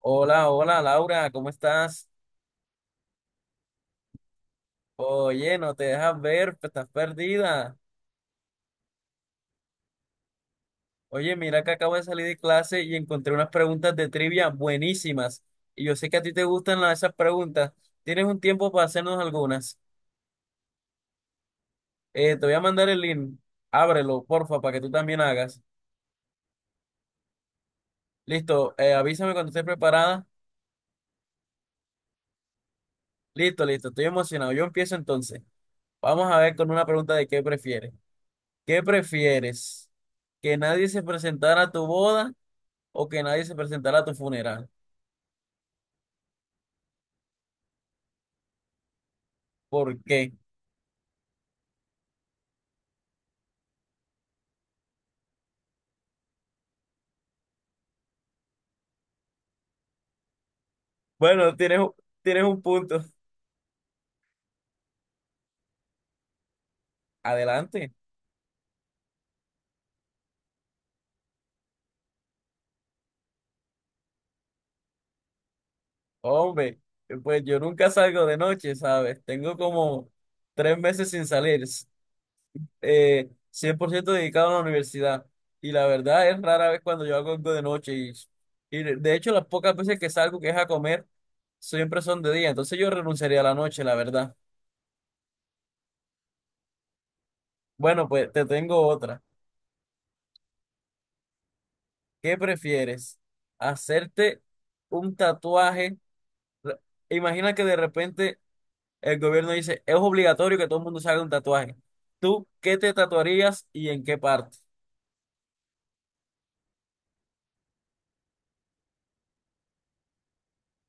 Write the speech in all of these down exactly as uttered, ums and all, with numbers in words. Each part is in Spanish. Hola, hola Laura, ¿cómo estás? Oye, no te dejas ver, pe- estás perdida. Oye, mira que acabo de salir de clase y encontré unas preguntas de trivia buenísimas. Y yo sé que a ti te gustan la- esas preguntas. ¿Tienes un tiempo para hacernos algunas? Eh, te voy a mandar el link. Ábrelo, porfa, para que tú también hagas. Listo, eh, avísame cuando estés preparada. Listo, listo, estoy emocionado. Yo empiezo entonces. Vamos a ver con una pregunta de qué prefieres. ¿Qué prefieres? ¿Que nadie se presentara a tu boda o que nadie se presentará a tu funeral? ¿Por qué? Bueno, tienes, un- tienes un punto. Adelante. Hombre, pues yo nunca salgo de noche, ¿sabes? Tengo como tres meses sin salir, s- eh, cien por ciento dedicado a la universidad. Y la verdad es rara vez cuando yo hago algo de noche. Y, y de de hecho, las pocas veces que salgo, que es a comer, siempre son de día. Entonces yo renunciaría a la noche, la verdad. Bueno, pues te tengo otra. ¿Qué prefieres? ¿Hacerte un tatuaje? re- Imagina que de repente el gobierno dice, es obligatorio que todo el mundo se haga un tatuaje. ¿Tú qué te tatuarías y en qué parte?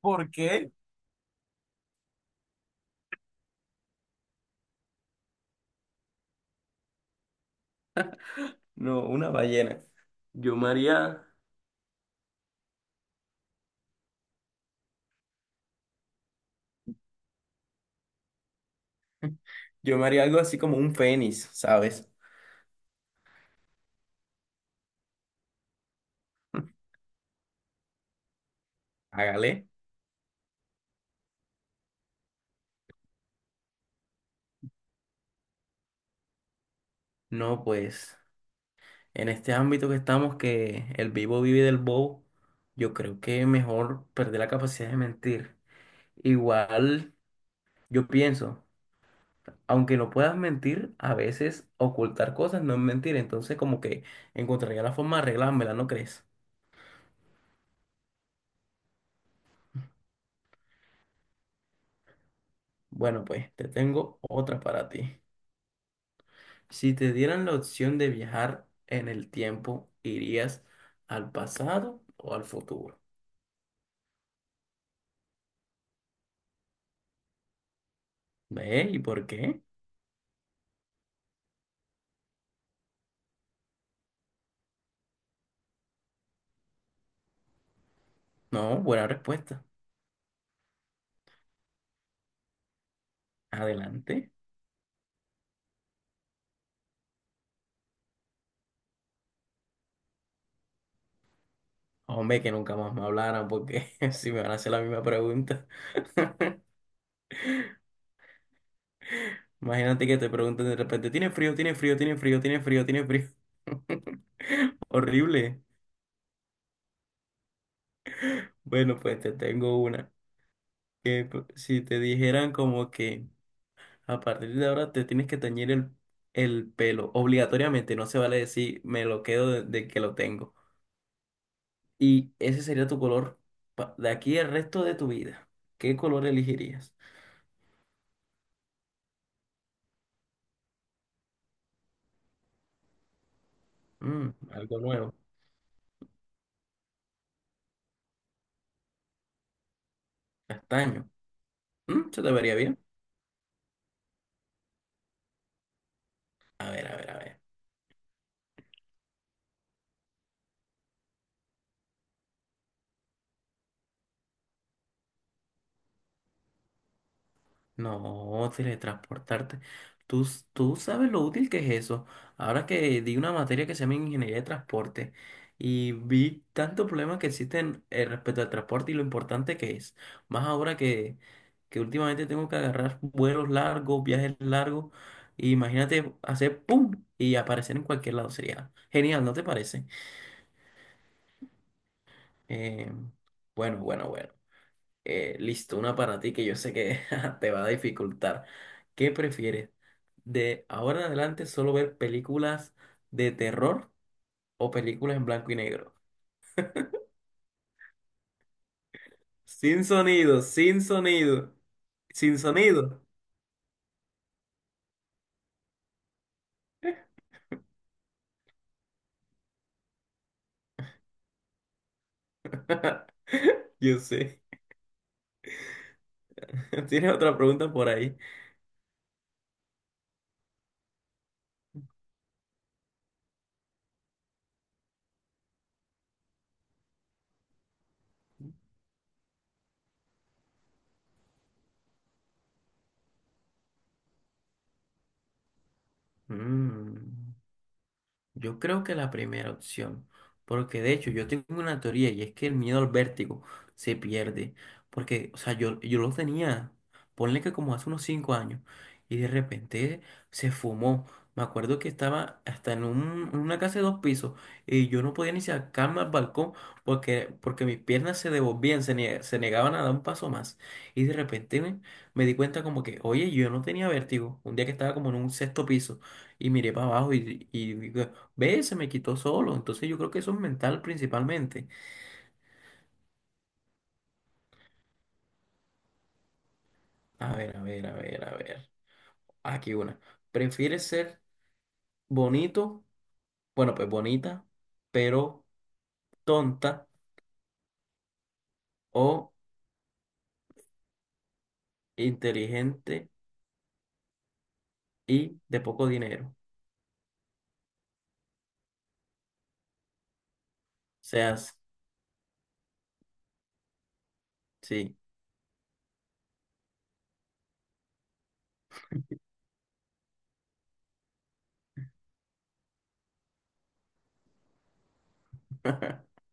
¿Por qué? No, una ballena. Yo me haría, yo me haría algo así como un fénix, ¿sabes? Hágale. No, pues, en este ámbito que estamos, que el vivo vive del bobo, yo creo que mejor perder la capacidad de mentir. Igual, yo pienso, aunque no puedas mentir, a veces ocultar cosas no es mentir. Entonces, como que encontraría la forma de arreglármela, ¿no crees? Bueno, pues te tengo otra para ti. Si te dieran la opción de viajar en el tiempo, ¿irías al pasado o al futuro? ¿Ve? ¿Y por qué? No, buena respuesta. Adelante. Hombre, que nunca más me hablaran porque si me van a hacer la misma pregunta. Imagínate que te pregunten de repente, ¿tiene frío? ¿Tiene frío? ¿Tiene frío? ¿Tiene frío? ¿Tiene frío? Horrible. Bueno, pues te tengo una. Que p- si te dijeran como que a partir de ahora te tienes que teñir el, el pelo, obligatoriamente, no se vale decir me lo quedo de, de que lo tengo. Y ese sería tu color pa- de aquí el resto de tu vida. ¿Qué color elegirías? Mm, algo nuevo. Castaño. Mm, se te vería bien. A ver, a ver, a ver. No, teletransportarte. Tú, s- tú sabes lo útil que es eso. Ahora que di una materia que se llama Ingeniería de Transporte y vi tantos problemas que existen eh, respecto al transporte y lo importante que es. Más ahora que, que últimamente tengo que agarrar vuelos largos, viajes largos. Y imagínate hacer ¡pum! Y aparecer en cualquier lado. Sería genial, ¿no te parece? Eh, bueno, bueno, bueno. Eh, listo, una para ti que yo sé que te va a dificultar. ¿Qué prefieres? ¿De ahora en adelante solo ver películas de terror o películas en blanco y negro? Sin sonido, sin sonido, sin sonido. Yo sé. ¿Tienes otra pregunta por ahí? Mm. Yo creo que la primera opción, porque de hecho yo tengo una teoría y es que el miedo al vértigo se pierde, porque, o sea, yo, yo lo tenía, ponle que como hace unos cinco años, y de repente se fumó. Me acuerdo que estaba hasta en un- una casa de dos pisos y yo no podía ni sacarme al balcón porque, porque mis piernas se devolvían, se, nie- se negaban a dar un paso más. Y de repente me, me di cuenta como que, oye, yo no tenía vértigo, un día que estaba como en un sexto piso y miré para abajo y, y ve, se me quitó solo. Entonces yo creo que eso es mental principalmente. A ver, a ver, a ver, a ver. Aquí una. ¿Prefieres ser bonito? Bueno, pues bonita, pero tonta o inteligente y de poco dinero. Seas sí.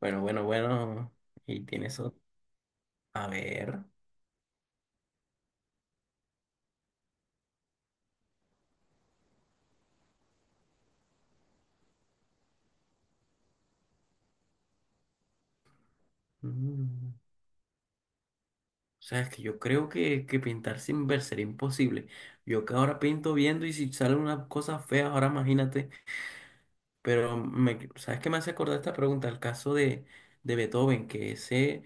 Bueno, bueno, bueno. Y tienes eso. A ver. Mm. O sea, es que yo creo que, que pintar sin ver sería imposible. Yo que ahora pinto viendo y si sale una cosa fea, ahora imagínate. Pero, me, ¿sabes qué me hace acordar esta pregunta? El caso de, de Beethoven, que ese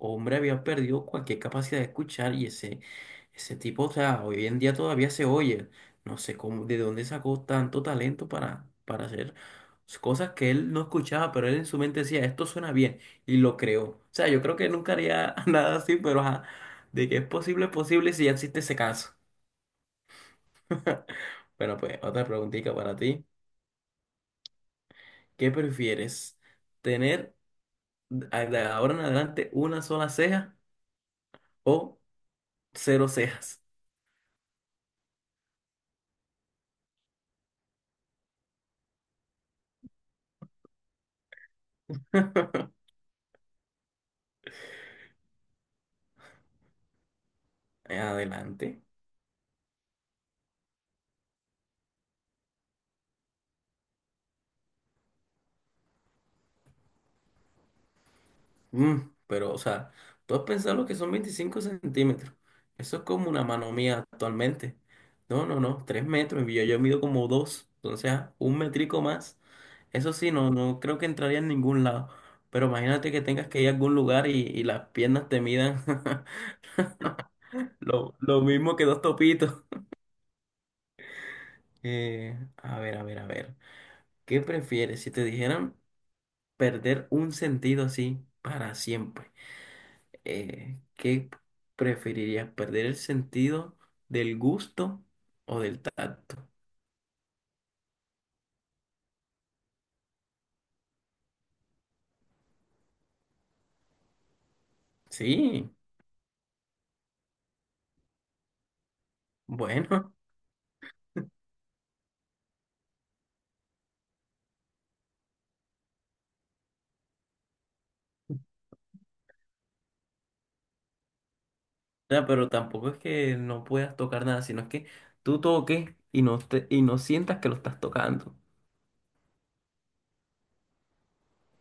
hombre había perdido cualquier capacidad de escuchar y ese, ese tipo, o sea, hoy en día todavía se oye. No sé cómo, de dónde sacó tanto talento para, para hacer cosas que él no escuchaba, pero él en su mente decía, esto suena bien, y lo creó. O sea, yo creo que nunca haría nada así, pero ajá, de que es posible, es posible si ya existe ese caso. Bueno, pues otra preguntita para ti. ¿Qué prefieres? ¿Tener a- de ahora en adelante una sola ceja o cero cejas en adelante? Mm, pero, o sea, tú has pensado lo que son veinticinco centímetros. Eso es como una mano mía actualmente. No, no, no, tres metros. Y Yo, yo mido como dos. Entonces, ah, un metrico más. Eso sí, no, no creo que entraría en ningún lado. Pero imagínate que tengas que ir a algún lugar y, y las piernas te midan lo, lo mismo que dos topitos. Eh, a ver, a ver, a ver. ¿Qué prefieres? Si te dijeran perder un sentido así para siempre. Eh, ¿qué preferirías? ¿Perder el sentido del gusto o del tacto? Sí, bueno, o sea, pero tampoco es que no puedas tocar nada, sino es que tú toques y no, te- y no sientas que lo estás tocando.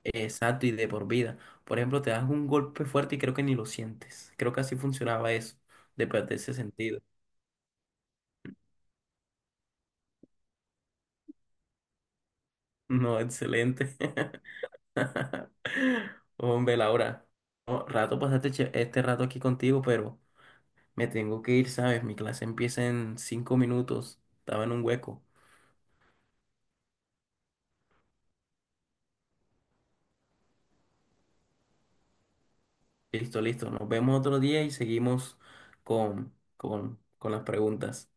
Exacto, y de por vida. Por ejemplo, te das un golpe fuerte y creo que ni lo sientes. Creo que así funcionaba eso, de perder ese sentido. No, excelente. Hombre, Laura, no, rato pasaste che- este rato aquí contigo, pero me tengo que ir, ¿sabes? Mi clase empieza en cinco minutos. Estaba en un hueco. Listo, listo. Nos vemos otro día y seguimos con, con, con las preguntas.